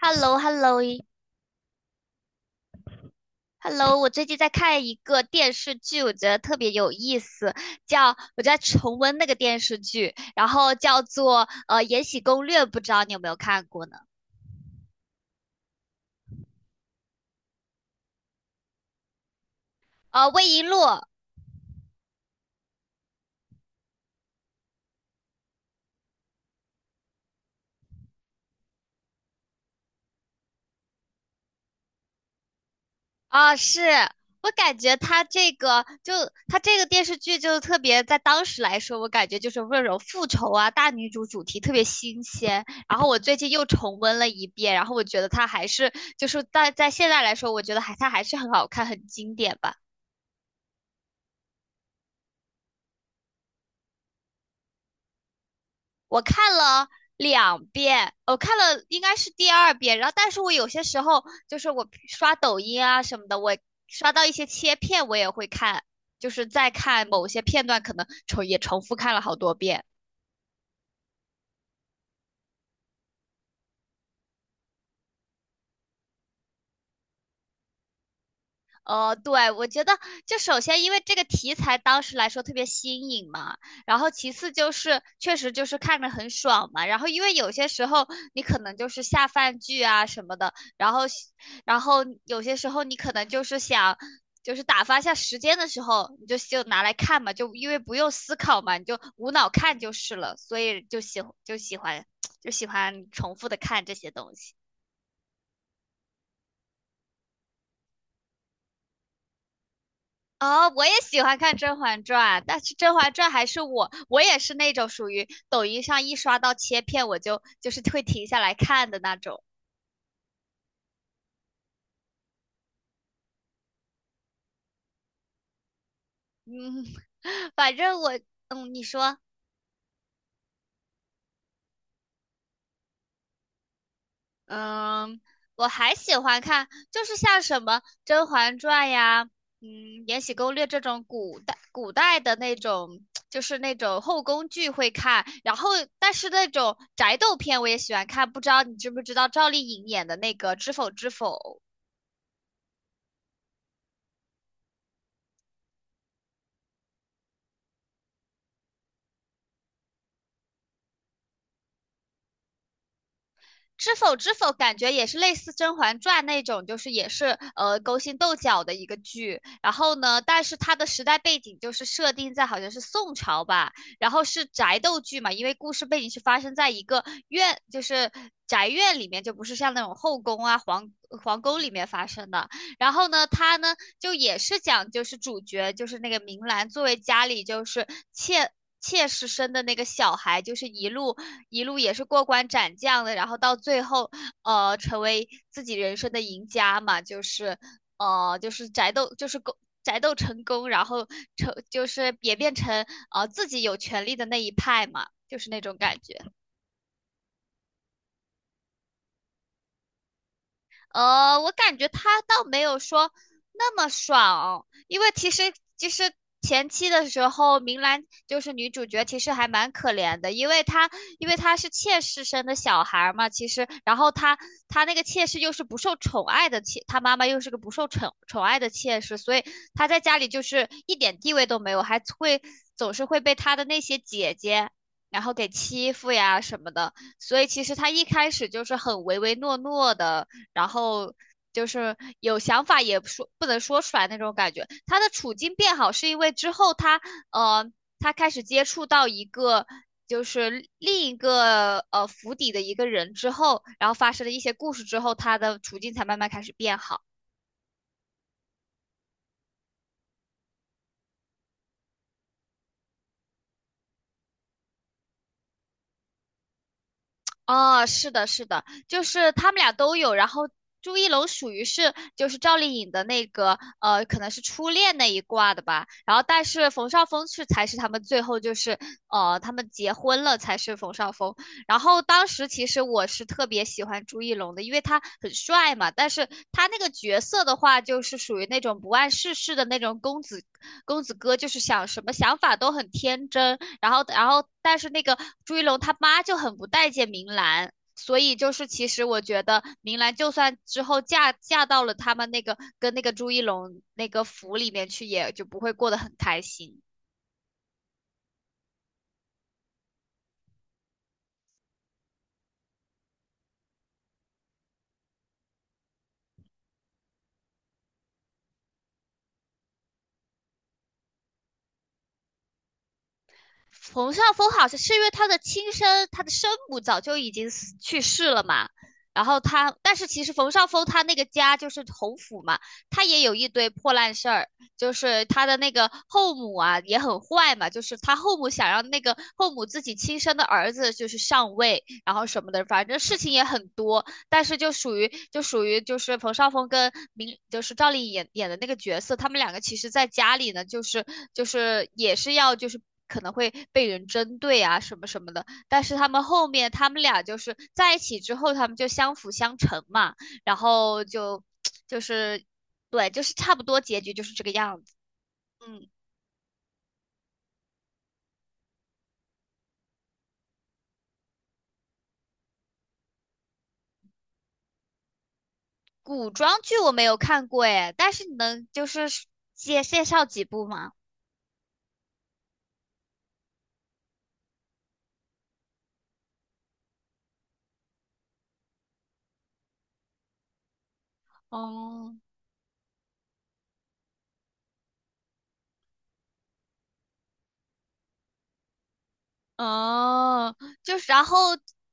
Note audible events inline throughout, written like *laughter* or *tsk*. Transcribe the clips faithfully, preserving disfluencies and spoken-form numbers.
h e l l o h e l l o h e l l o 我最近在看一个电视剧，我觉得特别有意思，叫我在重温那个电视剧，然后叫做呃《延禧攻略》，不知道你有没有看过呢？呃，魏璎珞啊，是。我感觉她这个就她这个电视剧就特别，在当时来说，我感觉就是温柔复仇啊，大女主主题特别新鲜。然后我最近又重温了一遍，然后我觉得它还是就是在在现在来说，我觉得还它还是很好看，很经典吧。我看了两遍，我看了应该是第二遍，然后但是我有些时候就是我刷抖音啊什么的，我刷到一些切片，我也会看，就是在看某些片段，可能重也重复看了好多遍。呃，对，我觉得就首先因为这个题材当时来说特别新颖嘛，然后其次就是确实就是看着很爽嘛，然后因为有些时候你可能就是下饭剧啊什么的，然后然后有些时候你可能就是想就是打发一下时间的时候，你就就拿来看嘛，就因为不用思考嘛，你就无脑看就是了，所以就喜就喜欢 *tsk* 就喜欢重复的看这些东西。哦，我也喜欢看《甄嬛传》，但是《甄嬛传》还是我，我也是那种属于抖音上一刷到切片，我就就是会停下来看的那种。嗯。*laughs* 反正我。嗯，你说。嗯，我还喜欢看，就是像什么《甄嬛传》呀，嗯，《延禧攻略》这种古代古代的那种，就是那种后宫剧会看，然后但是那种宅斗片我也喜欢看，不知道你知不知道赵丽颖演的那个《知否知否》。知否知否，感觉也是类似《甄嬛传》那种，就是也是呃勾心斗角的一个剧。然后呢，但是它的时代背景就是设定在好像是宋朝吧，然后是宅斗剧嘛，因为故事背景是发生在一个院，就是宅院里面，就不是像那种后宫啊、皇皇宫里面发生的。然后呢，它呢就也是讲就是主角就是那个明兰作为家里就是妾妾室生的那个小孩，就是一路一路也是过关斩将的，然后到最后呃成为自己人生的赢家嘛，就是呃就是宅斗就是狗。宅斗成功，然后成就是也变成呃自己有权利的那一派嘛，就是那种感觉。呃，我感觉他倒没有说那么爽，因为其实其实前期的时候，明兰就是女主角，其实还蛮可怜的，因为她因为她是妾室生的小孩儿嘛，其实然后她她那个妾室又是不受宠爱的妾，她妈妈又是个不受宠宠爱的妾室，所以她在家里就是一点地位都没有，还会总是会被她的那些姐姐。然后给欺负呀什么的，所以其实她一开始就是很唯唯诺诺的，然后就是有想法也说不能说出来那种感觉。他的处境变好是因为之后他呃他开始接触到一个就是另一个呃府邸的一个人之后，然后发生了一些故事之后，他的处境才慢慢开始变好。哦，是的，是的，就是他们俩都有。然后朱一龙属于是就是赵丽颖的那个呃，可能是初恋那一挂的吧。然后但是冯绍峰是才是他们最后就是呃，他们结婚了才是冯绍峰。然后当时其实我是特别喜欢朱一龙的，因为他很帅嘛，但是他那个角色的话，就是属于那种不谙世事的那种公子公子哥，就是想什么想法都很天真，然后然后但是那个朱一龙他妈就很不待见明兰。所以就是，其实我觉得明兰就算之后嫁嫁到了他们那个跟那个朱一龙那个府里面去，也就不会过得很开心。冯绍峰好像是因为他的亲生他的生母早就已经死去世了嘛，然后他，但是其实冯绍峰他那个家就是侯府嘛，他也有一堆破烂事儿，就是他的那个后母啊也很坏嘛，就是他后母想让那个后母自己亲生的儿子就是上位，然后什么的，反正事情也很多，但是就属于就属于就是冯绍峰跟明就是赵丽颖演演的那个角色，他们两个其实在家里呢，就是就是也是要就是可能会被人针对啊什么什么的，但是他们后面他们俩就是在一起之后，他们就相辅相成嘛，然后就 *tsk* 就是对，就是差不多结局就是这个样子。嗯，古装剧我没有看过诶，但是你能就是介介绍几部吗？哦。哦，就是，然后。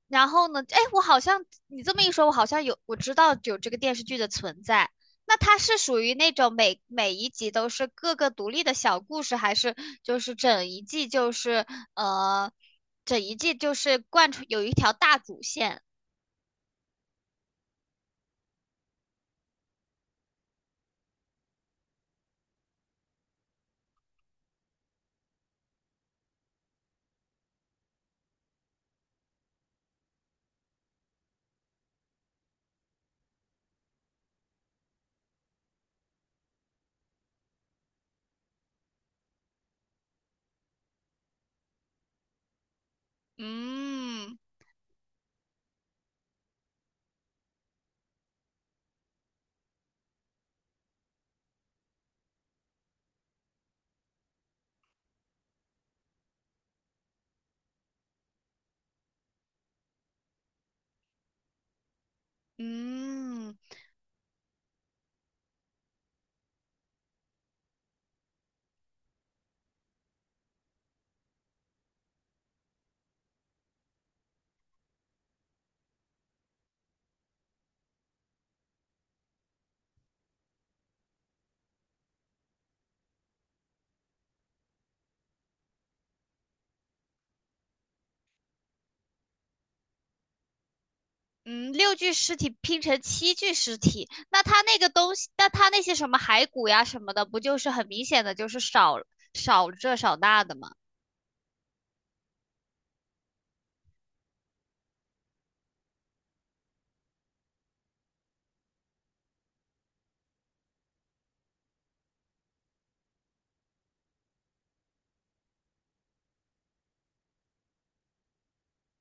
然后呢？哎，我好像你这么一说，我好像有，我知道有这个电视剧的存在。那它是属于那种每每一集都是各个独立的小故事，还是就是整一季就是呃，整一季就是贯穿有一条大主线？嗯嗯，嗯，六具尸体拼成七具尸体，那他那个东西，那他那些什么骸骨呀什么的，不就是很明显的就是少少这少那的吗？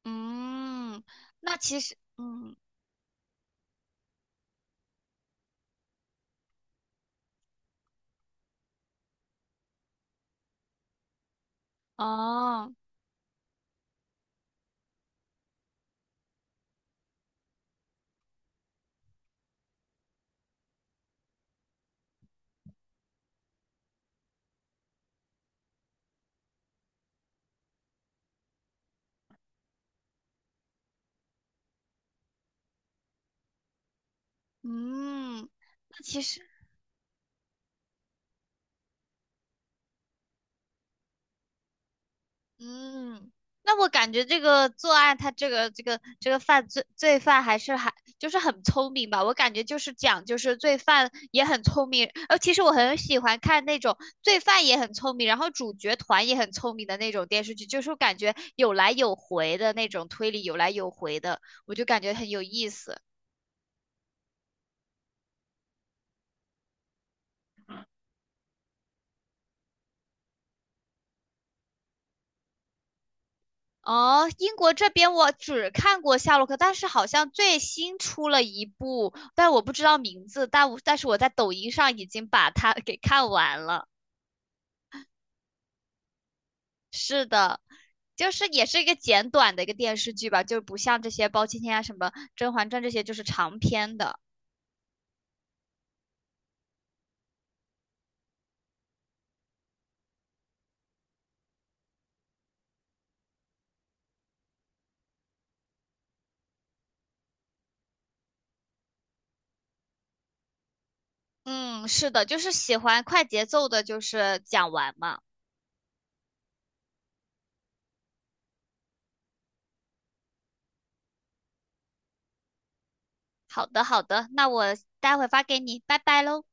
嗯，那其实，嗯，哦，嗯，那其实。嗯，那我感觉这个作案，他这个这个这个犯罪罪犯还是还就是很聪明吧。我感觉就是讲，就是罪犯也很聪明。呃，其实我很喜欢看那种罪犯也很聪明，然后主角团也很聪明的那种电视剧，就是我感觉有来有回的那种推理，有来有回的，我就感觉很有意思。哦，英国这边我只看过夏洛克，但是好像最新出了一部，但我不知道名字，但我但是我在抖音上已经把它给看完了。是的，就是也是一个简短的一个电视剧吧，就是不像这些包青天啊、什么《甄嬛传》这些就是长篇的。嗯，是的，就是喜欢快节奏的，就是讲完嘛。好的，好的，那我待会发给你，拜拜喽。